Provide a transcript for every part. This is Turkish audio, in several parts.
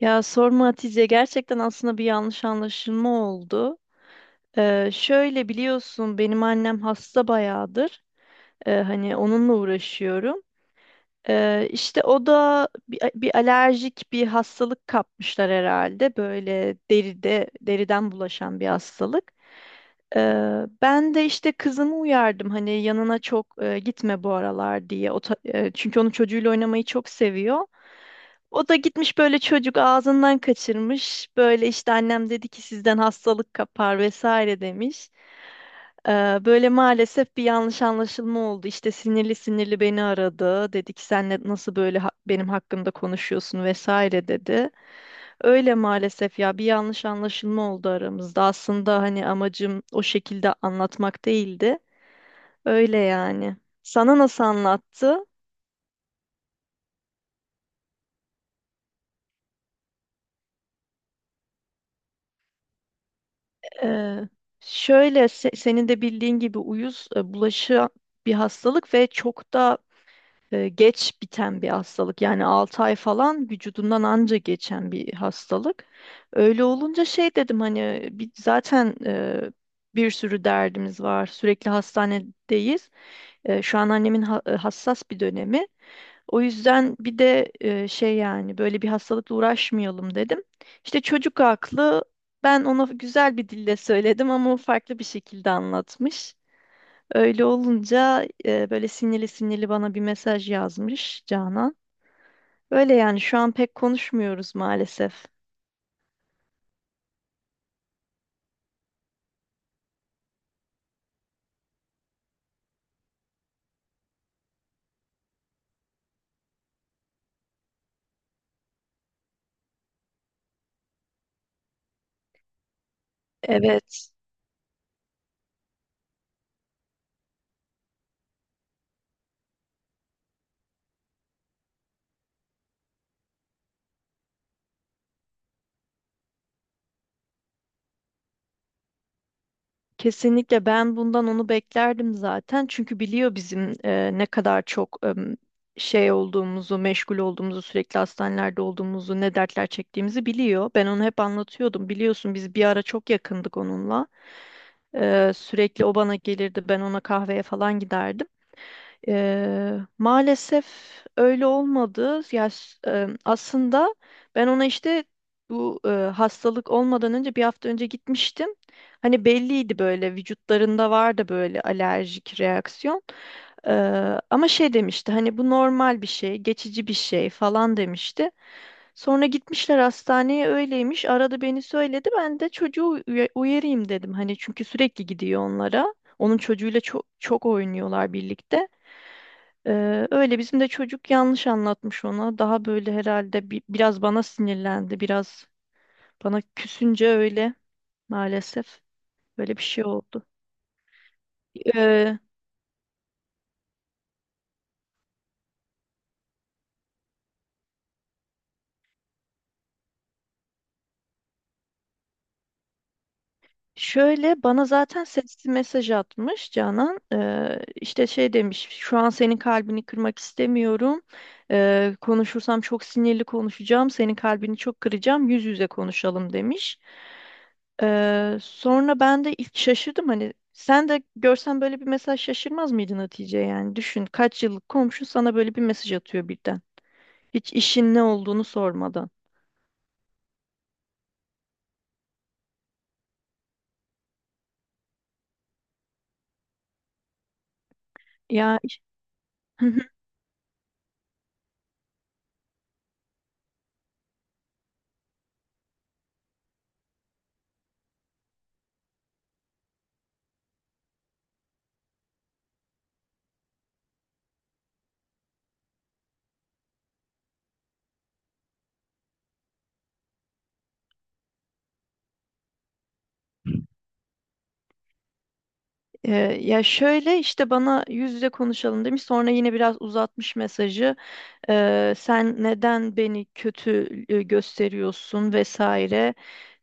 Ya sorma Hatice, gerçekten aslında bir yanlış anlaşılma oldu. Şöyle biliyorsun, benim annem hasta bayağıdır. Hani onunla uğraşıyorum. İşte o da bir alerjik bir hastalık kapmışlar herhalde. Böyle deride, deriden bulaşan bir hastalık. Ben de işte kızımı uyardım, hani yanına çok gitme bu aralar diye. Çünkü onun çocuğuyla oynamayı çok seviyor. O da gitmiş, böyle çocuk ağzından kaçırmış. Böyle işte annem dedi ki sizden hastalık kapar vesaire demiş. Böyle maalesef bir yanlış anlaşılma oldu. İşte sinirli sinirli beni aradı. Dedi ki sen nasıl böyle benim hakkımda konuşuyorsun vesaire dedi. Öyle maalesef ya, bir yanlış anlaşılma oldu aramızda. Aslında hani amacım o şekilde anlatmak değildi. Öyle yani. Sana nasıl anlattı? Ee, şöyle senin de bildiğin gibi uyuz bulaşı bir hastalık ve çok da geç biten bir hastalık. Yani 6 ay falan vücudundan anca geçen bir hastalık. Öyle olunca şey dedim, hani bir, zaten bir sürü derdimiz var. Sürekli hastanedeyiz. E, şu an annemin hassas bir dönemi. O yüzden bir de şey, yani böyle bir hastalıkla uğraşmayalım dedim. İşte çocuk aklı, ben ona güzel bir dille söyledim ama o farklı bir şekilde anlatmış. Öyle olunca böyle sinirli sinirli bana bir mesaj yazmış Canan. Öyle yani, şu an pek konuşmuyoruz maalesef. Evet. Kesinlikle, ben bundan onu beklerdim zaten. Çünkü biliyor bizim ne kadar çok şey olduğumuzu, meşgul olduğumuzu, sürekli hastanelerde olduğumuzu, ne dertler çektiğimizi biliyor. Ben onu hep anlatıyordum. Biliyorsun biz bir ara çok yakındık onunla. Sürekli o bana gelirdi, ben ona kahveye falan giderdim. Maalesef öyle olmadı. Aslında ben ona işte bu hastalık olmadan önce, bir hafta önce gitmiştim. Hani belliydi, böyle vücutlarında vardı böyle alerjik reaksiyon. Ama şey demişti, hani bu normal bir şey, geçici bir şey falan demişti. Sonra gitmişler hastaneye, öyleymiş. Aradı beni, söyledi. Ben de çocuğu uyarayım dedim. Hani çünkü sürekli gidiyor onlara. Onun çocuğuyla çok çok oynuyorlar birlikte. Öyle bizim de çocuk yanlış anlatmış ona. Daha böyle herhalde biraz bana sinirlendi. Biraz bana küsünce öyle maalesef böyle bir şey oldu. Ee, şöyle bana zaten sesli mesaj atmış Canan. İşte şey demiş, şu an senin kalbini kırmak istemiyorum. Konuşursam çok sinirli konuşacağım. Senin kalbini çok kıracağım. Yüz yüze konuşalım demiş. Sonra ben de ilk şaşırdım, hani sen de görsen böyle bir mesaj şaşırmaz mıydın Hatice? Yani düşün, kaç yıllık komşu sana böyle bir mesaj atıyor birden, hiç işin ne olduğunu sormadan ya. Ee, şöyle işte bana yüz yüze konuşalım demiş, sonra yine biraz uzatmış mesajı. Sen neden beni kötü gösteriyorsun vesaire.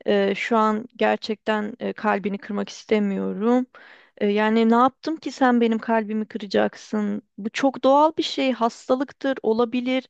Şu an gerçekten kalbini kırmak istemiyorum. E, yani ne yaptım ki sen benim kalbimi kıracaksın? Bu çok doğal bir şey, hastalıktır, olabilir.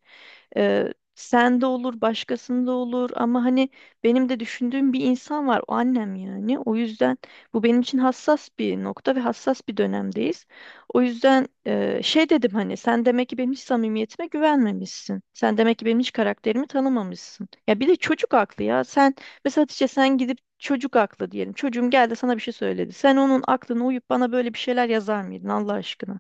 Sen de olur, başkasında olur, ama hani benim de düşündüğüm bir insan var, o annem yani. O yüzden bu benim için hassas bir nokta ve hassas bir dönemdeyiz. O yüzden şey dedim, hani sen demek ki benim hiç samimiyetime güvenmemişsin. Sen demek ki benim hiç karakterimi tanımamışsın. Ya bir de çocuk aklı ya. Sen mesela Hatice, sen gidip, çocuk aklı diyelim, çocuğum geldi sana bir şey söyledi, sen onun aklına uyup bana böyle bir şeyler yazar mıydın Allah aşkına?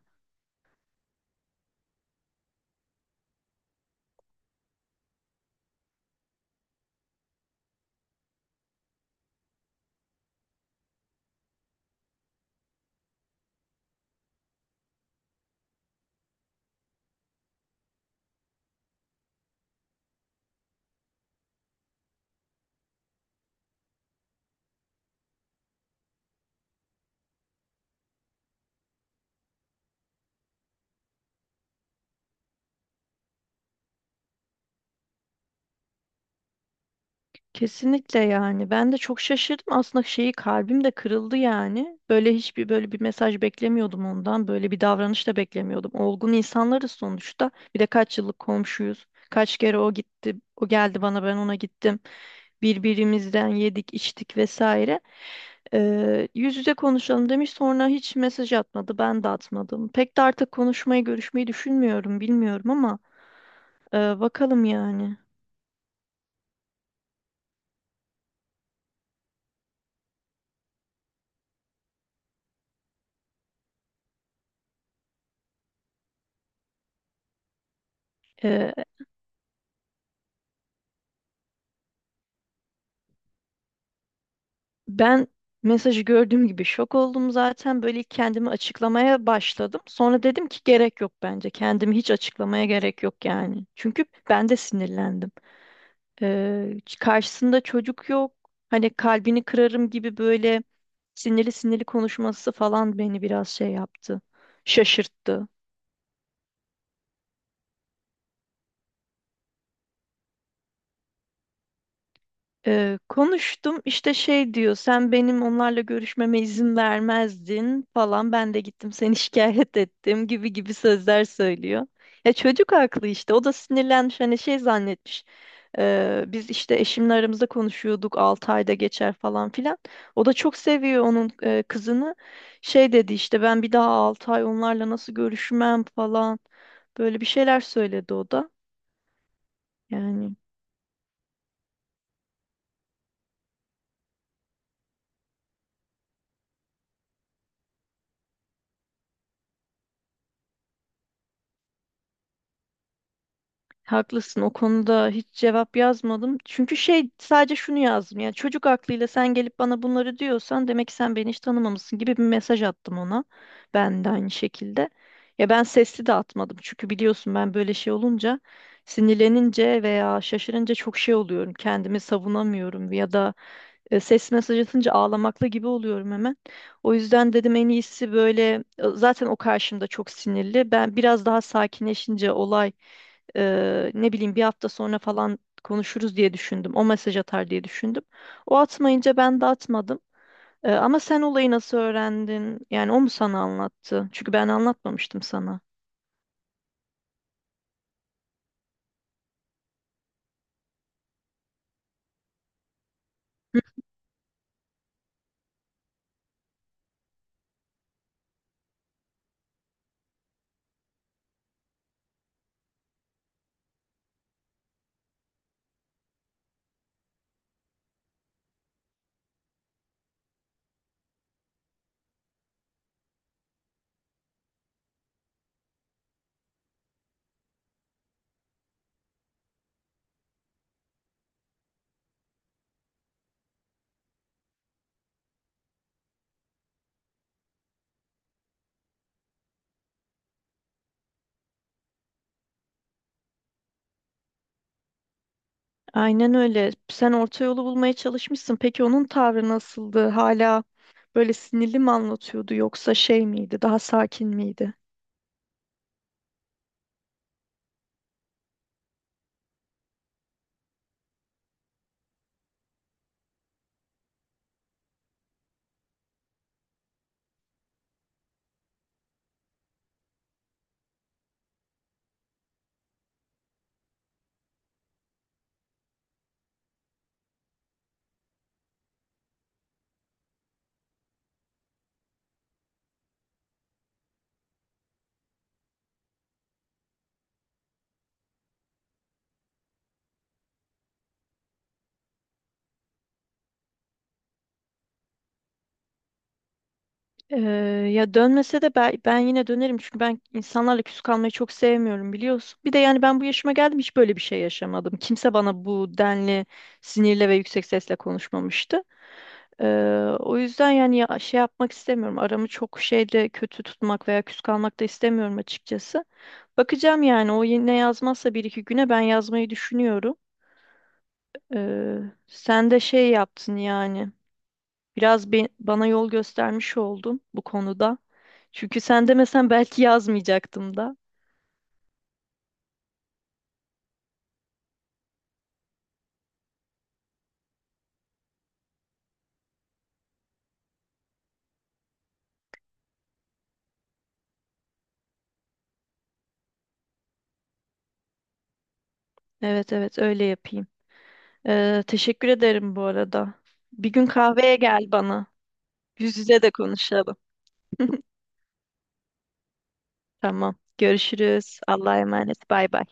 Kesinlikle, yani ben de çok şaşırdım aslında, şeyi, kalbim de kırıldı yani, böyle hiçbir, böyle bir mesaj beklemiyordum ondan, böyle bir davranış da beklemiyordum. Olgun insanlarız sonuçta, bir de kaç yıllık komşuyuz, kaç kere o gitti, o geldi bana, ben ona gittim, birbirimizden yedik içtik vesaire. Yüz yüze konuşalım demiş, sonra hiç mesaj atmadı, ben de atmadım. Pek de artık konuşmayı, görüşmeyi düşünmüyorum, bilmiyorum ama bakalım yani. Ben mesajı gördüğüm gibi şok oldum zaten. Böyle ilk kendimi açıklamaya başladım. Sonra dedim ki gerek yok bence. Kendimi hiç açıklamaya gerek yok yani. Çünkü ben de sinirlendim. Karşısında çocuk yok. Hani kalbini kırarım gibi böyle sinirli sinirli konuşması falan beni biraz şey yaptı. Şaşırttı. Konuştum işte, şey diyor, sen benim onlarla görüşmeme izin vermezdin falan, ben de gittim seni şikayet ettim gibi gibi sözler söylüyor. Ya çocuk haklı işte, o da sinirlenmiş, hani şey zannetmiş. Biz işte eşimle aramızda konuşuyorduk 6 ayda geçer falan filan. O da çok seviyor onun kızını. Şey dedi işte ben bir daha 6 ay onlarla nasıl görüşmem falan, böyle bir şeyler söyledi o da yani. Haklısın, o konuda hiç cevap yazmadım. Çünkü şey, sadece şunu yazdım: ya çocuk aklıyla sen gelip bana bunları diyorsan demek ki sen beni hiç tanımamışsın gibi bir mesaj attım ona. Ben de aynı şekilde. Ya ben sesli de atmadım, çünkü biliyorsun ben böyle şey olunca, sinirlenince veya şaşırınca çok şey oluyorum. Kendimi savunamıyorum, ya da ses mesaj atınca ağlamakla gibi oluyorum hemen. O yüzden dedim en iyisi böyle, zaten o karşımda çok sinirli. Ben biraz daha sakinleşince olay, ne bileyim, bir hafta sonra falan konuşuruz diye düşündüm. O mesaj atar diye düşündüm. O atmayınca ben de atmadım. E, ama sen olayı nasıl öğrendin? Yani o mu sana anlattı? Çünkü ben anlatmamıştım sana. Aynen öyle. Sen orta yolu bulmaya çalışmışsın. Peki onun tavrı nasıldı? Hala böyle sinirli mi anlatıyordu, yoksa şey miydi? Daha sakin miydi? Ee, ya dönmese de ben, ben yine dönerim, çünkü ben insanlarla küs kalmayı çok sevmiyorum biliyorsun. Bir de yani ben bu yaşıma geldim, hiç böyle bir şey yaşamadım. Kimse bana bu denli sinirle ve yüksek sesle konuşmamıştı. Ee, o yüzden yani ya, şey yapmak istemiyorum. Aramı çok şeyle kötü tutmak veya küs kalmak da istemiyorum açıkçası. Bakacağım yani, o yine yazmazsa bir iki güne ben yazmayı düşünüyorum. Ee, sen de şey yaptın yani. Biraz bana yol göstermiş oldun bu konuda. Çünkü sen demesen belki yazmayacaktım da. Evet, evet, öyle yapayım. Teşekkür ederim bu arada. Bir gün kahveye gel bana. Yüz yüze de konuşalım. Tamam. Görüşürüz. Allah'a emanet. Bay bay.